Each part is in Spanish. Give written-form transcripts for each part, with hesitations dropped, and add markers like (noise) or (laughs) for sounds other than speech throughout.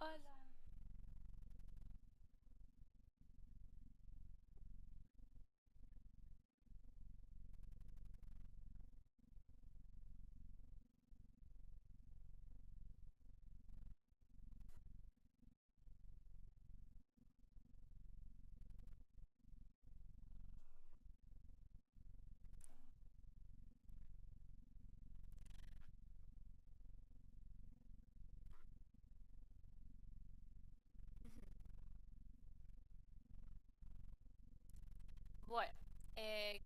Hola. Bueno, eh,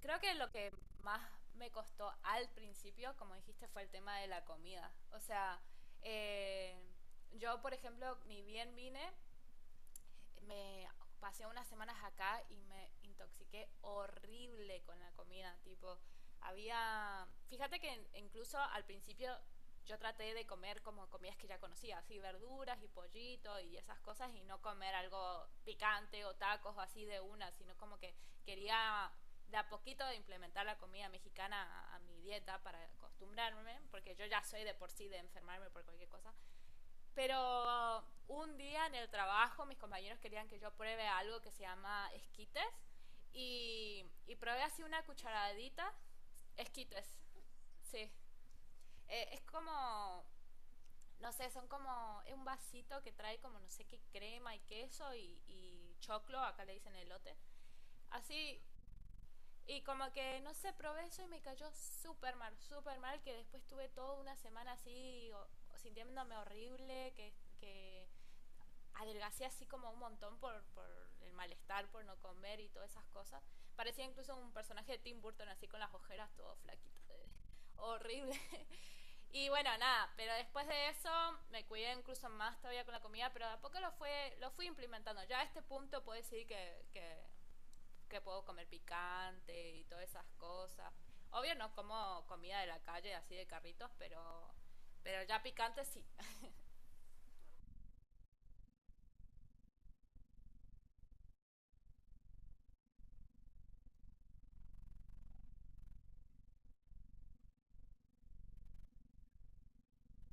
creo que lo que más me costó al principio, como dijiste, fue el tema de la comida. O sea, eh, yo, por ejemplo, ni bien vine, me pasé unas semanas acá y me intoxiqué horrible con la comida, tipo, había, fíjate que incluso al principio yo traté de comer como comidas que ya conocía, así verduras y pollito y esas cosas y no comer algo picante o tacos o así de una, sino como que quería de a poquito implementar la comida mexicana a mi dieta para acostumbrarme, porque yo ya soy de por sí de enfermarme por cualquier cosa. Pero un día en el trabajo mis compañeros querían que yo pruebe algo que se llama esquites y probé así una cucharadita. Esquites, sí. Es como, no sé, son como, es un vasito que trae como no sé qué crema y queso y choclo, acá le dicen elote. Así, y como que no sé, probé eso y me cayó súper mal, que después tuve toda una semana así sintiéndome horrible, que adelgacé así como un montón por el malestar, por no comer y todas esas cosas. Parecía incluso un personaje de Tim Burton así con las ojeras todo flaquito. (laughs) Horrible. (laughs) Y bueno, nada, pero después de eso me cuidé incluso más todavía con la comida, pero de a poco lo, fue, lo fui implementando. Ya a este punto puedo decir que puedo comer picante y todas esas cosas. Obvio no como comida de la calle así de carritos, pero ya picante sí.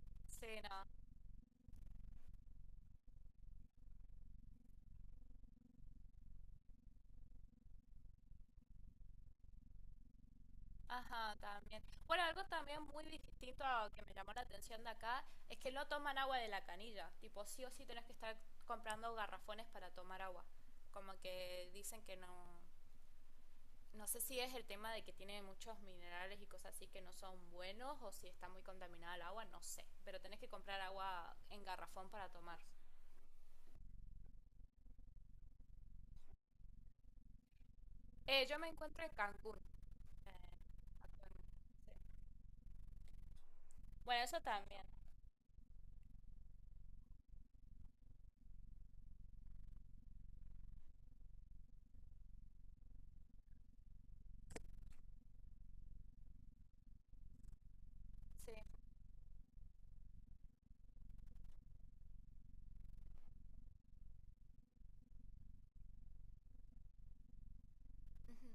(laughs) Sí, no. Ajá, también. Bueno, algo también muy distinto que me llamó la atención de acá es que no toman agua de la canilla. Tipo, sí o sí tenés que estar comprando garrafones para tomar agua. Como que dicen que no. No sé si es el tema de que tiene muchos minerales y cosas así que no son buenos o si está muy contaminada el agua, no sé. Pero tenés que comprar agua en garrafón para tomar. Yo me encuentro en Cancún. eh, Actualmente, sí. Bueno, eso también. Sí. Ujú.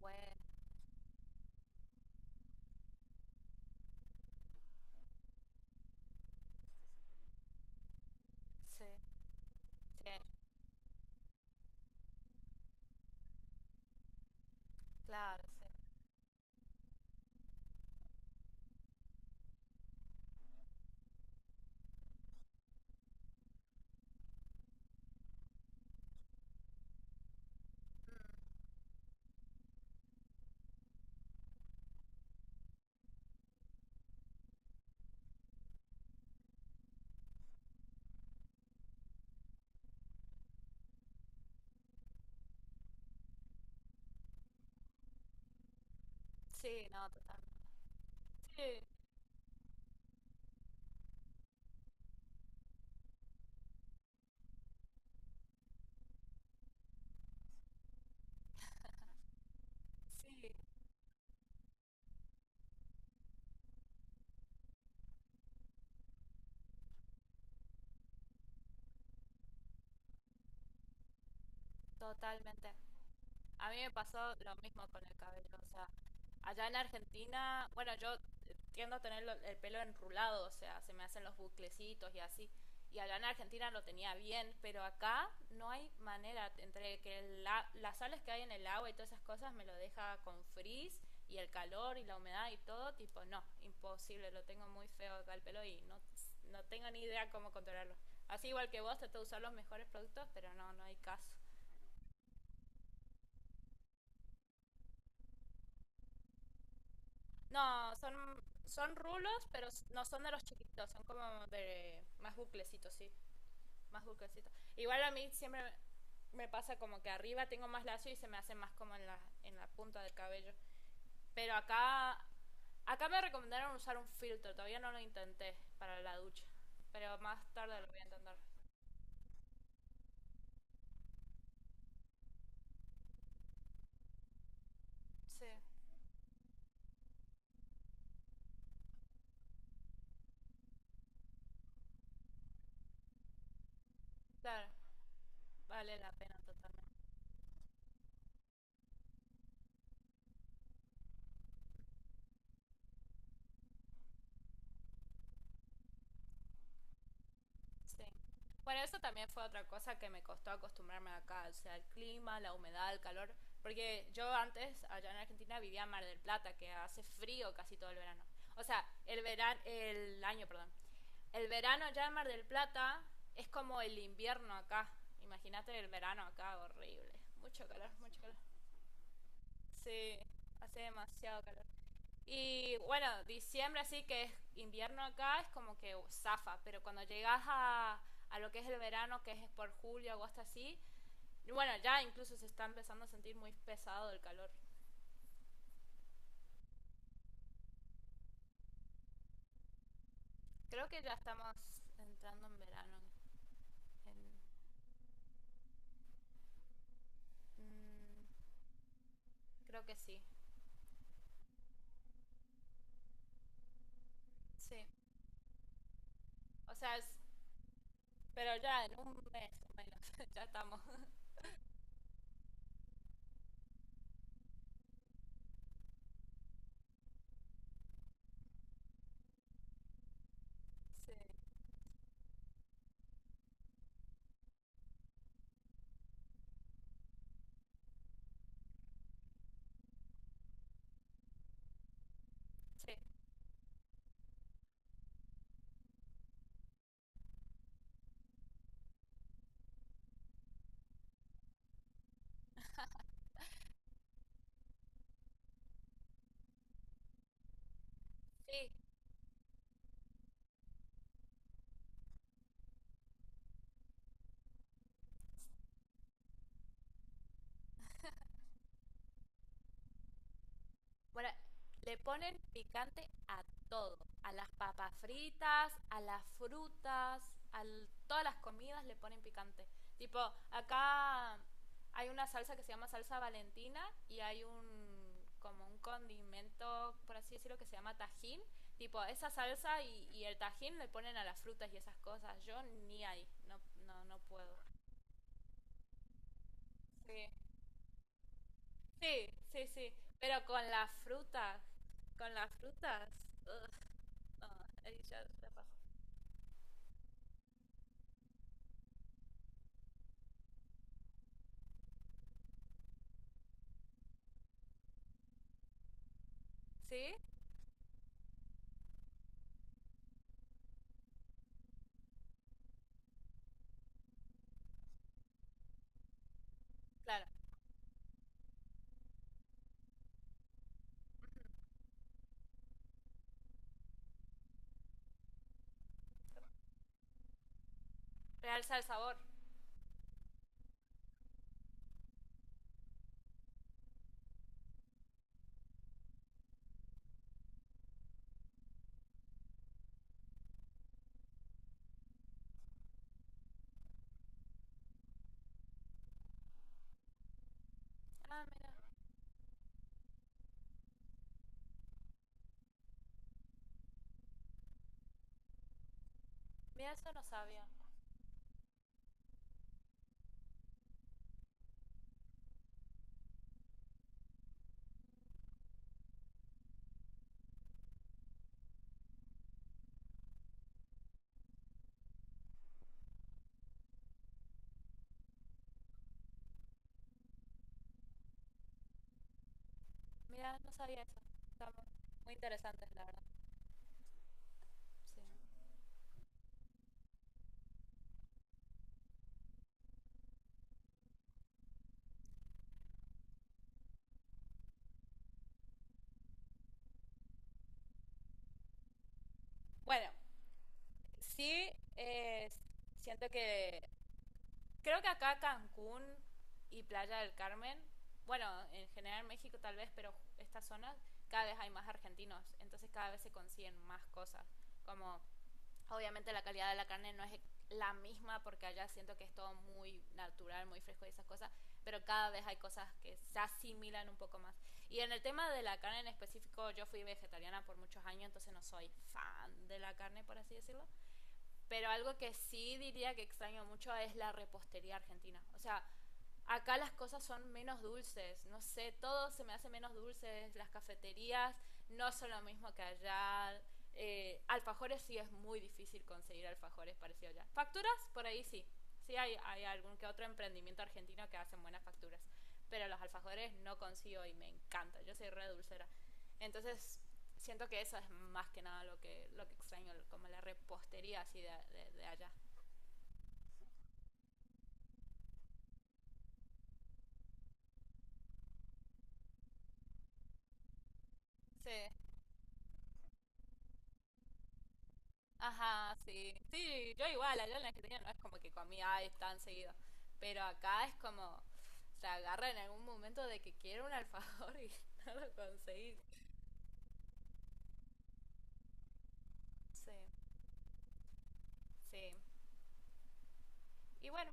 Bueno, sí, sí, claro, sí. Sí, no, total. Sí, sí, totalmente. A mí me pasó lo mismo con el cabello, o sea, allá en Argentina, bueno, yo tiendo a tener el pelo enrulado, o sea, se me hacen los buclecitos y así. Y allá en Argentina lo tenía bien, pero acá no hay manera, entre que las sales que hay en el agua y todas esas cosas me lo deja con frizz y el calor y la humedad y todo, tipo, no, imposible, lo tengo muy feo acá el pelo y no, no tengo ni idea cómo controlarlo. Así igual que vos, trato de usar los mejores productos, pero no, no hay caso. No, son rulos, pero no son de los chiquitos, son como de más buclecitos, sí, más buclecitos. Igual a mí siempre me pasa como que arriba tengo más lacio y se me hace más como en la punta del cabello. Pero acá, acá me recomendaron usar un filtro, todavía no lo intenté para la ducha, pero más tarde lo voy a intentar. Sí, claro, vale la pena totalmente. Sí. Bueno, eso también fue otra cosa que me costó acostumbrarme acá, o sea, el clima, la humedad, el calor, porque yo antes allá en Argentina vivía en Mar del Plata, que hace frío casi todo el verano. O sea, el verano, el año, perdón. El verano allá en Mar del Plata es como el invierno acá. Imagínate el verano acá, horrible. Mucho calor, mucho calor. Sí, hace demasiado calor. Y bueno, diciembre así que es invierno acá, es como que zafa, pero cuando llegas a lo que es el verano, que es por julio, agosto así, y bueno, ya incluso se está empezando a sentir muy pesado el calor. Creo que ya estamos entrando en verano. en- mm, Creo que sí, sí. O sea, pero ya en un mes o menos, (laughs) ya estamos. (laughs) Sí, sí, sí. Bueno, le ponen picante a todo, a las papas fritas, a las frutas, a todas las comidas le ponen picante. Tipo, acá hay una salsa que se llama salsa valentina y hay un como un condimento, por así decirlo, que se llama tajín. Tipo, esa salsa y el tajín le ponen a las frutas y esas cosas. Yo ni ahí, no, no, no puedo. Sí, sí, sí, sí. Pero con las frutas, con las frutas. Ugh. No, ahí ya la paso. ¿Sí? Claro. Realza el sabor. Ah, mira. Mira, eso no sabía. Mira, no sabía eso. Está muy, muy interesante, la verdad. Sí. Bueno, sí, eh, siento que. Creo que acá Cancún y Playa del Carmen, bueno, en general México tal vez, pero estas zonas, cada vez hay más argentinos. Entonces cada vez se consiguen más cosas. Como obviamente la calidad de la carne no es la misma porque allá siento que es todo muy natural, muy fresco y esas cosas, pero cada vez hay cosas que se asimilan un poco más. Y en el tema de la carne en específico, yo fui vegetariana por muchos años, entonces no soy fan de la carne, por así decirlo. Pero algo que sí diría que extraño mucho es la repostería argentina. O sea, acá las cosas son menos dulces, no sé, todo se me hace menos dulces, las cafeterías no son lo mismo que allá, alfajores sí es muy difícil conseguir alfajores parecidos allá. Facturas, por ahí sí, sí hay algún que otro emprendimiento argentino que hacen buenas facturas, pero los alfajores no consigo y me encanta, yo soy re dulcera. Entonces, siento que eso es más que nada lo que, lo que extraño, como la repostería así de allá. Sí. Ajá, sí. Sí, yo igual, allá en la Argentina no es como que comía ay, tan seguido. Pero acá es como, se agarra en algún momento de que quiero un alfajor y (laughs) no lo conseguí. Sí, sí. Y bueno,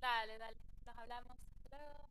dale, dale, nos hablamos. Hasta luego.